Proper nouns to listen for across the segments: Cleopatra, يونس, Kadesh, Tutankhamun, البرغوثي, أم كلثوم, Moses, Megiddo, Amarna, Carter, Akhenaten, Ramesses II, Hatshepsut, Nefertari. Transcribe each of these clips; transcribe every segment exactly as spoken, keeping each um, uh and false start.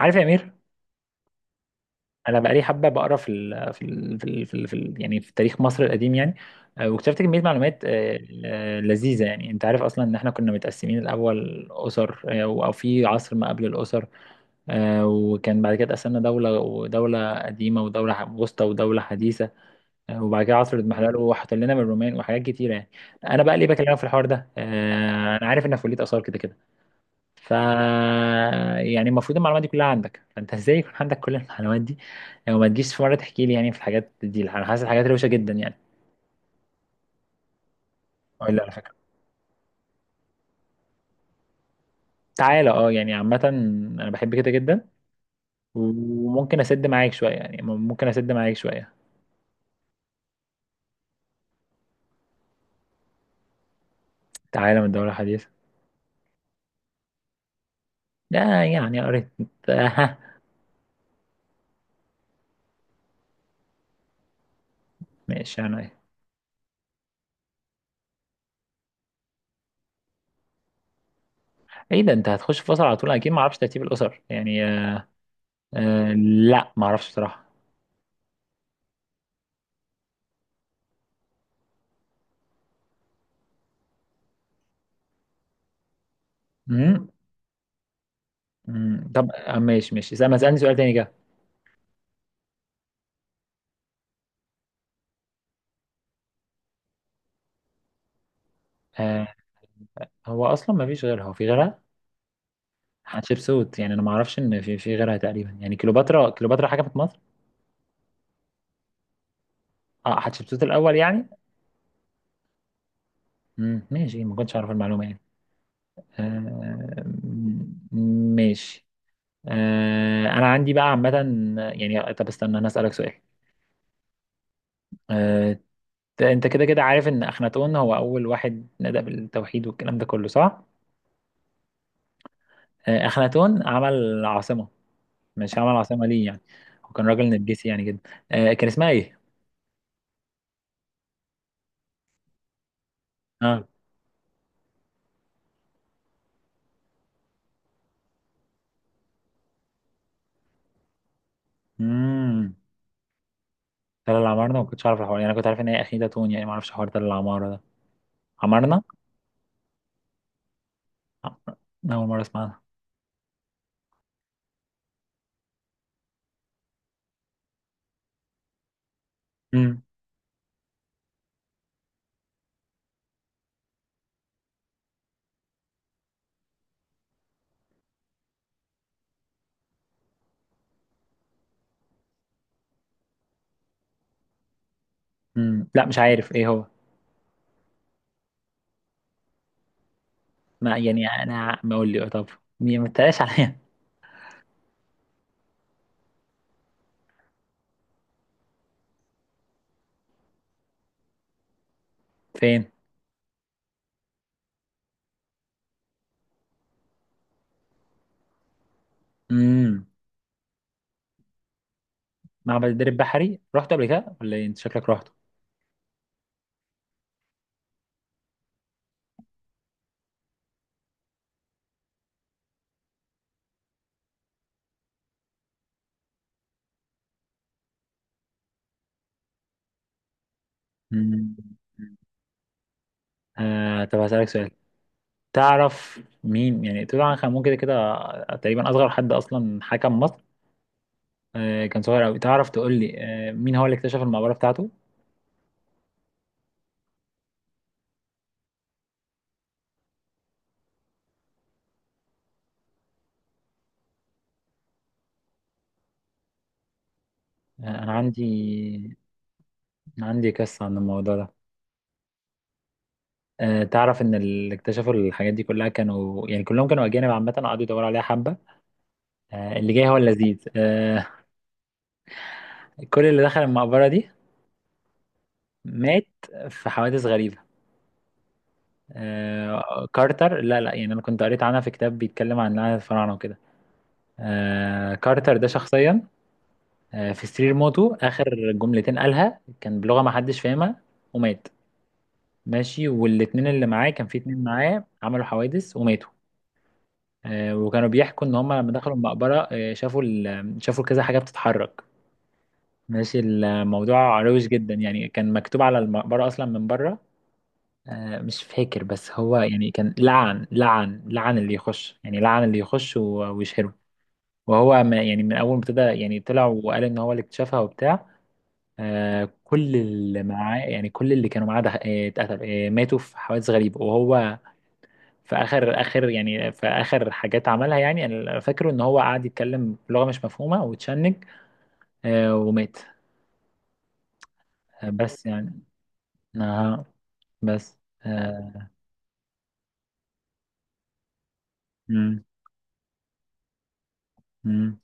عارف يا امير؟ انا بقالي حبه بقرا في ال في ال في ال في, ال في ال يعني في تاريخ مصر القديم يعني. آه، واكتشفت كميه معلومات، آه، آه، لذيذه يعني. انت عارف اصلا ان احنا كنا متقسمين الاول اسر، آه، او أو في عصر ما قبل الاسر. آه، وكان بعد كده اتقسمنا دوله ودوله قديمه ودوله ح- وسطى ودوله حديثه. آه، وبعد كده عصر الاضمحلال وحط لنا من الرومان وحاجات كتيره يعني. انا بقى ليه بكلمك في الحوار ده؟ آه، انا عارف انك في كليه اثار كده كده. ف يعني المفروض المعلومات دي كلها عندك، فانت ازاي يكون عندك كل المعلومات دي؟ يعني ما تجيش في مره تحكي لي يعني في الحاجات دي؟ انا حاسس الحاجات روشه جدا يعني. اه لا، على فكره تعالى. اه يعني عامه انا بحب كده جدا. وممكن اسد معاك شويه يعني ممكن اسد معاك شويه. تعالى من دوره حديثه. لا يعني قريت. ها. ماشي، انا ايه. ايه ده؟ انت هتخش في فصل على طول؟ اكيد ما اعرفش ترتيب الاسر يعني. آه آه، لا، ما اعرفش بصراحه. امم، أمم، طب آه، ماشي ماشي، اسأل- ما اسالني سؤال تاني كده. آه، هو اصلا ما فيش غيرها، هو في غيرها؟ حتشبسوت. يعني انا ما اعرفش ان في في غيرها تقريبا يعني. كليوباترا، كليوباترا حاجه في مصر. اه، حتشبسوت الاول يعني. مم. ماشي، ما كنتش اعرف المعلومه يعني. آه. م- ماشي. آه، انا عندي بقى عامه، يعني طب استنى انا اسالك سؤال. آه، انت كده كده عارف ان اخناتون هو اول واحد نادى بالتوحيد والكلام ده كله، صح؟ آه، اخناتون عمل عاصمه. مش عمل عاصمه ليه يعني؟ هو كان راجل نرجسي يعني جدا. آه، كان اسمها ايه؟ اه. مم. تل العمارنة، ما كنتش عارف الحوار يعني. أنا كنت عارف إن هي أخيدة تون يعني، ما أعرفش حوار تل العمارة ده. عمارنة؟ عمارة. ده. عمرنا أول مرة أسمعها. امم. امم، لا، مش عارف إيه هو. ما يعني أنا، ما أقول لي طب. مي- ما تتقلاش عليا. فين؟ امم. معبد الدرب البحري، رحت قبل كده ولا إيه؟ أنت شكلك رحته. امم. آه، طب هسألك سؤال. تعرف مين يعني توت عنخ آمون كده كده. تقريبا أصغر حد أصلا حكم مصر. آه، كان صغير أوي. تعرف تقول لي آه، مين هو اللي اكتشف المقبرة بتاعته؟ آه، أنا عندي، أنا عندي قصة عن الموضوع ده. آه، تعرف ان اللي اكتشفوا الحاجات دي كلها كانوا يعني كلهم كانوا اجانب عامه، قعدوا يدوروا عليها حبه. آه، اللي جاي هو اللذيذ. آه، كل اللي دخل المقبره دي مات، في حوادث غريبه. آه، كارتر، لا لا، يعني انا كنت قريت عنها في كتاب بيتكلم عن لعنه الفراعنه وكده. آه، كارتر ده شخصيا، آه، في سرير موته اخر جملتين قالها كان بلغه ما حدش فاهمها، ومات. ماشي، والاتنين اللي معاه، كان في اتنين معاه، عملوا حوادث وماتوا. آه، وكانوا بيحكوا ان هم لما دخلوا المقبره، آه، شافوا ال- شافوا كذا حاجه بتتحرك. ماشي، الموضوع روش جدا يعني. كان مكتوب على المقبره اصلا من بره، آه، مش فاكر، بس هو يعني كان لعن لعن لعن اللي يخش يعني، لعن اللي يخش و- ويشهره. وهو ما يعني من اول ما ابتدى يعني طلع وقال ان هو اللي اكتشفها وبتاع. آه، كل اللي معاه يعني، كل اللي كانوا معاه ده- آه، اتقتلوا، آه، ماتوا في حوادث غريبه. وهو في اخر اخر يعني، في اخر حاجات عملها يعني انا فاكره ان هو قعد يتكلم بلغه مش مفهومه وتشنج، آه، ومات. آه بس يعني. آه بس. آه. مم. مم.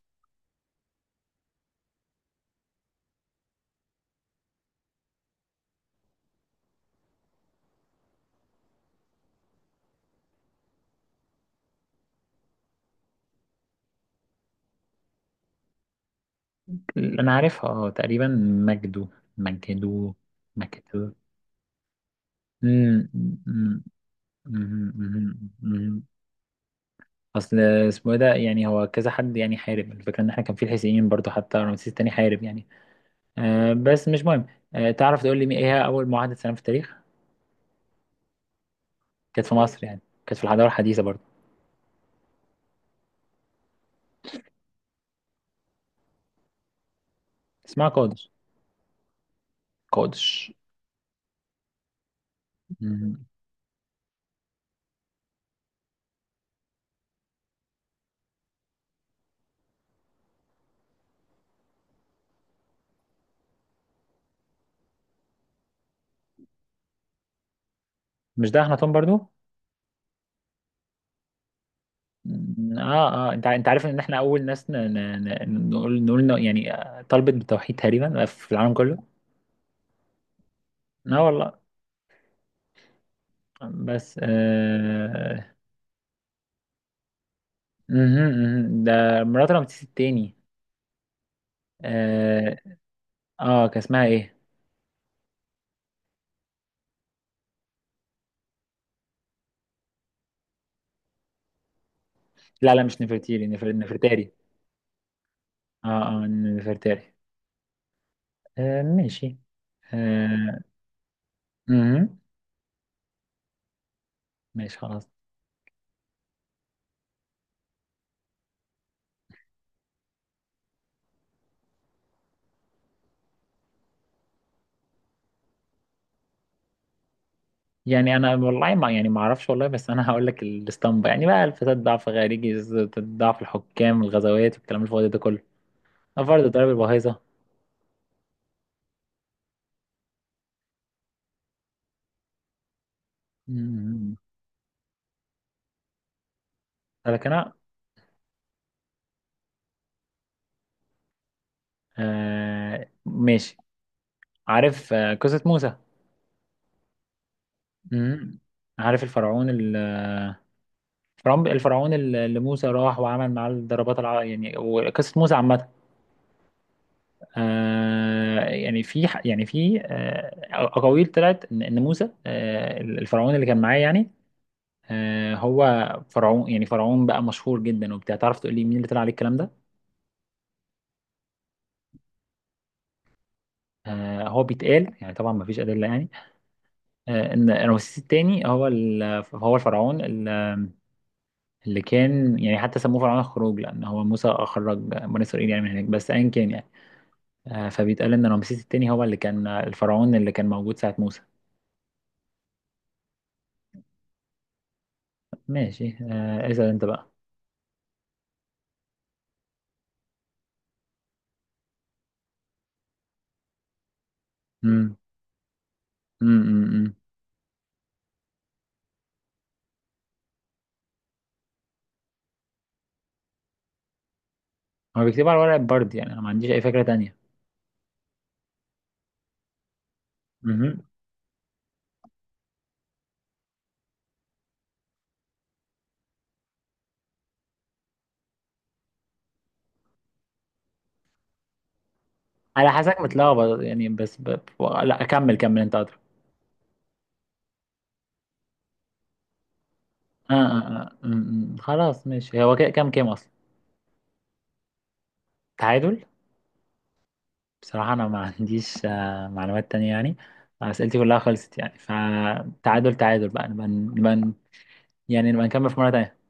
انا عارفها اه تقريبا. مجدو. مجدو. مجدو. مم، مم، مم، مم. مم. اصل اسمه إيه ده يعني؟ هو كذا حد يعني حارب الفكره ان احنا كان في الحسينيين برضو، حتى رمسيس التاني حارب يعني. آه بس مش مهم. آه، تعرف تقول لي ايه هي اول معاهده سلام في التاريخ؟ كانت في مصر يعني، كانت في الحضارة الحديثة برضو. اسمها قادش. قادش. مم. مش ده أخناتون برضو؟ مم. اه اه، انت ع- انت عارف ان احنا اول ناس ن... ن... ن... نقول نقول إنه يعني، آه، طلبت بالتوحيد تقريبا، آه، في العالم كله. اه والله. بس آه. مهم، مهم. ده مرات رمسيس التاني. اه. آه، كان اسمها ايه؟ لا لا، مش نفرتيري، نفر... نفرتاري. اه. اه، نفرتاري. آه ماشي. آه. مهم. ماشي خلاص. يعني انا والله ما يعني ما اعرفش والله، بس انا هقول لك الاسطمبه يعني بقى: الفساد، ضعف خارجي، ضعف الحكام، الغزوات والكلام الفاضي ده كله. فرض ضرب الباهظه. أمم. لكن انا آه ماشي. عارف آه قصه موسى؟ أمم. عارف الفرعون ال- الفرعون، الفرعون اللي موسى راح وعمل معاه الضربات الع... يعني. وقصه موسى عامه. آه، يعني في ح- يعني في آه اقاويل طلعت ان إن موسى، آه، الفرعون اللي كان معاه يعني، آه، هو فرعون يعني، فرعون بقى مشهور جدا وبتاع. تعرف تقول لي مين اللي طلع عليه الكلام ده؟ آه، هو بيتقال يعني، طبعا ما فيش ادله يعني، آه، ان رمسيس الثاني هو ال- هو الفرعون ال- اللي كان يعني، حتى سموه فرعون الخروج لان هو موسى اخرج بني اسرائيل يعني من هناك بس ايا كان يعني. آه، فبيتقال ان رمسيس الثاني هو اللي كان الفرعون اللي كان موجود ساعه موسى. ماشي. آه، اسال انت بقى. امم. امم. هو بيكتبوا على ورق برد يعني، انا ما عنديش اي فكره تانية. على حسك متلخبط يعني بس ب. ب- لا، كمل كمل انت ادرى. آه آه آه. م- م. خلاص، ماشي. هو كده كام؟ كام اصلا؟ تعادل. بصراحة انا ما عنديش آه معلومات تانية يعني. اسئلتي كلها خلصت يعني، فتعادل تعادل. بقى نبقى نبقى يعني، نبقى نكمل في مرة تانية.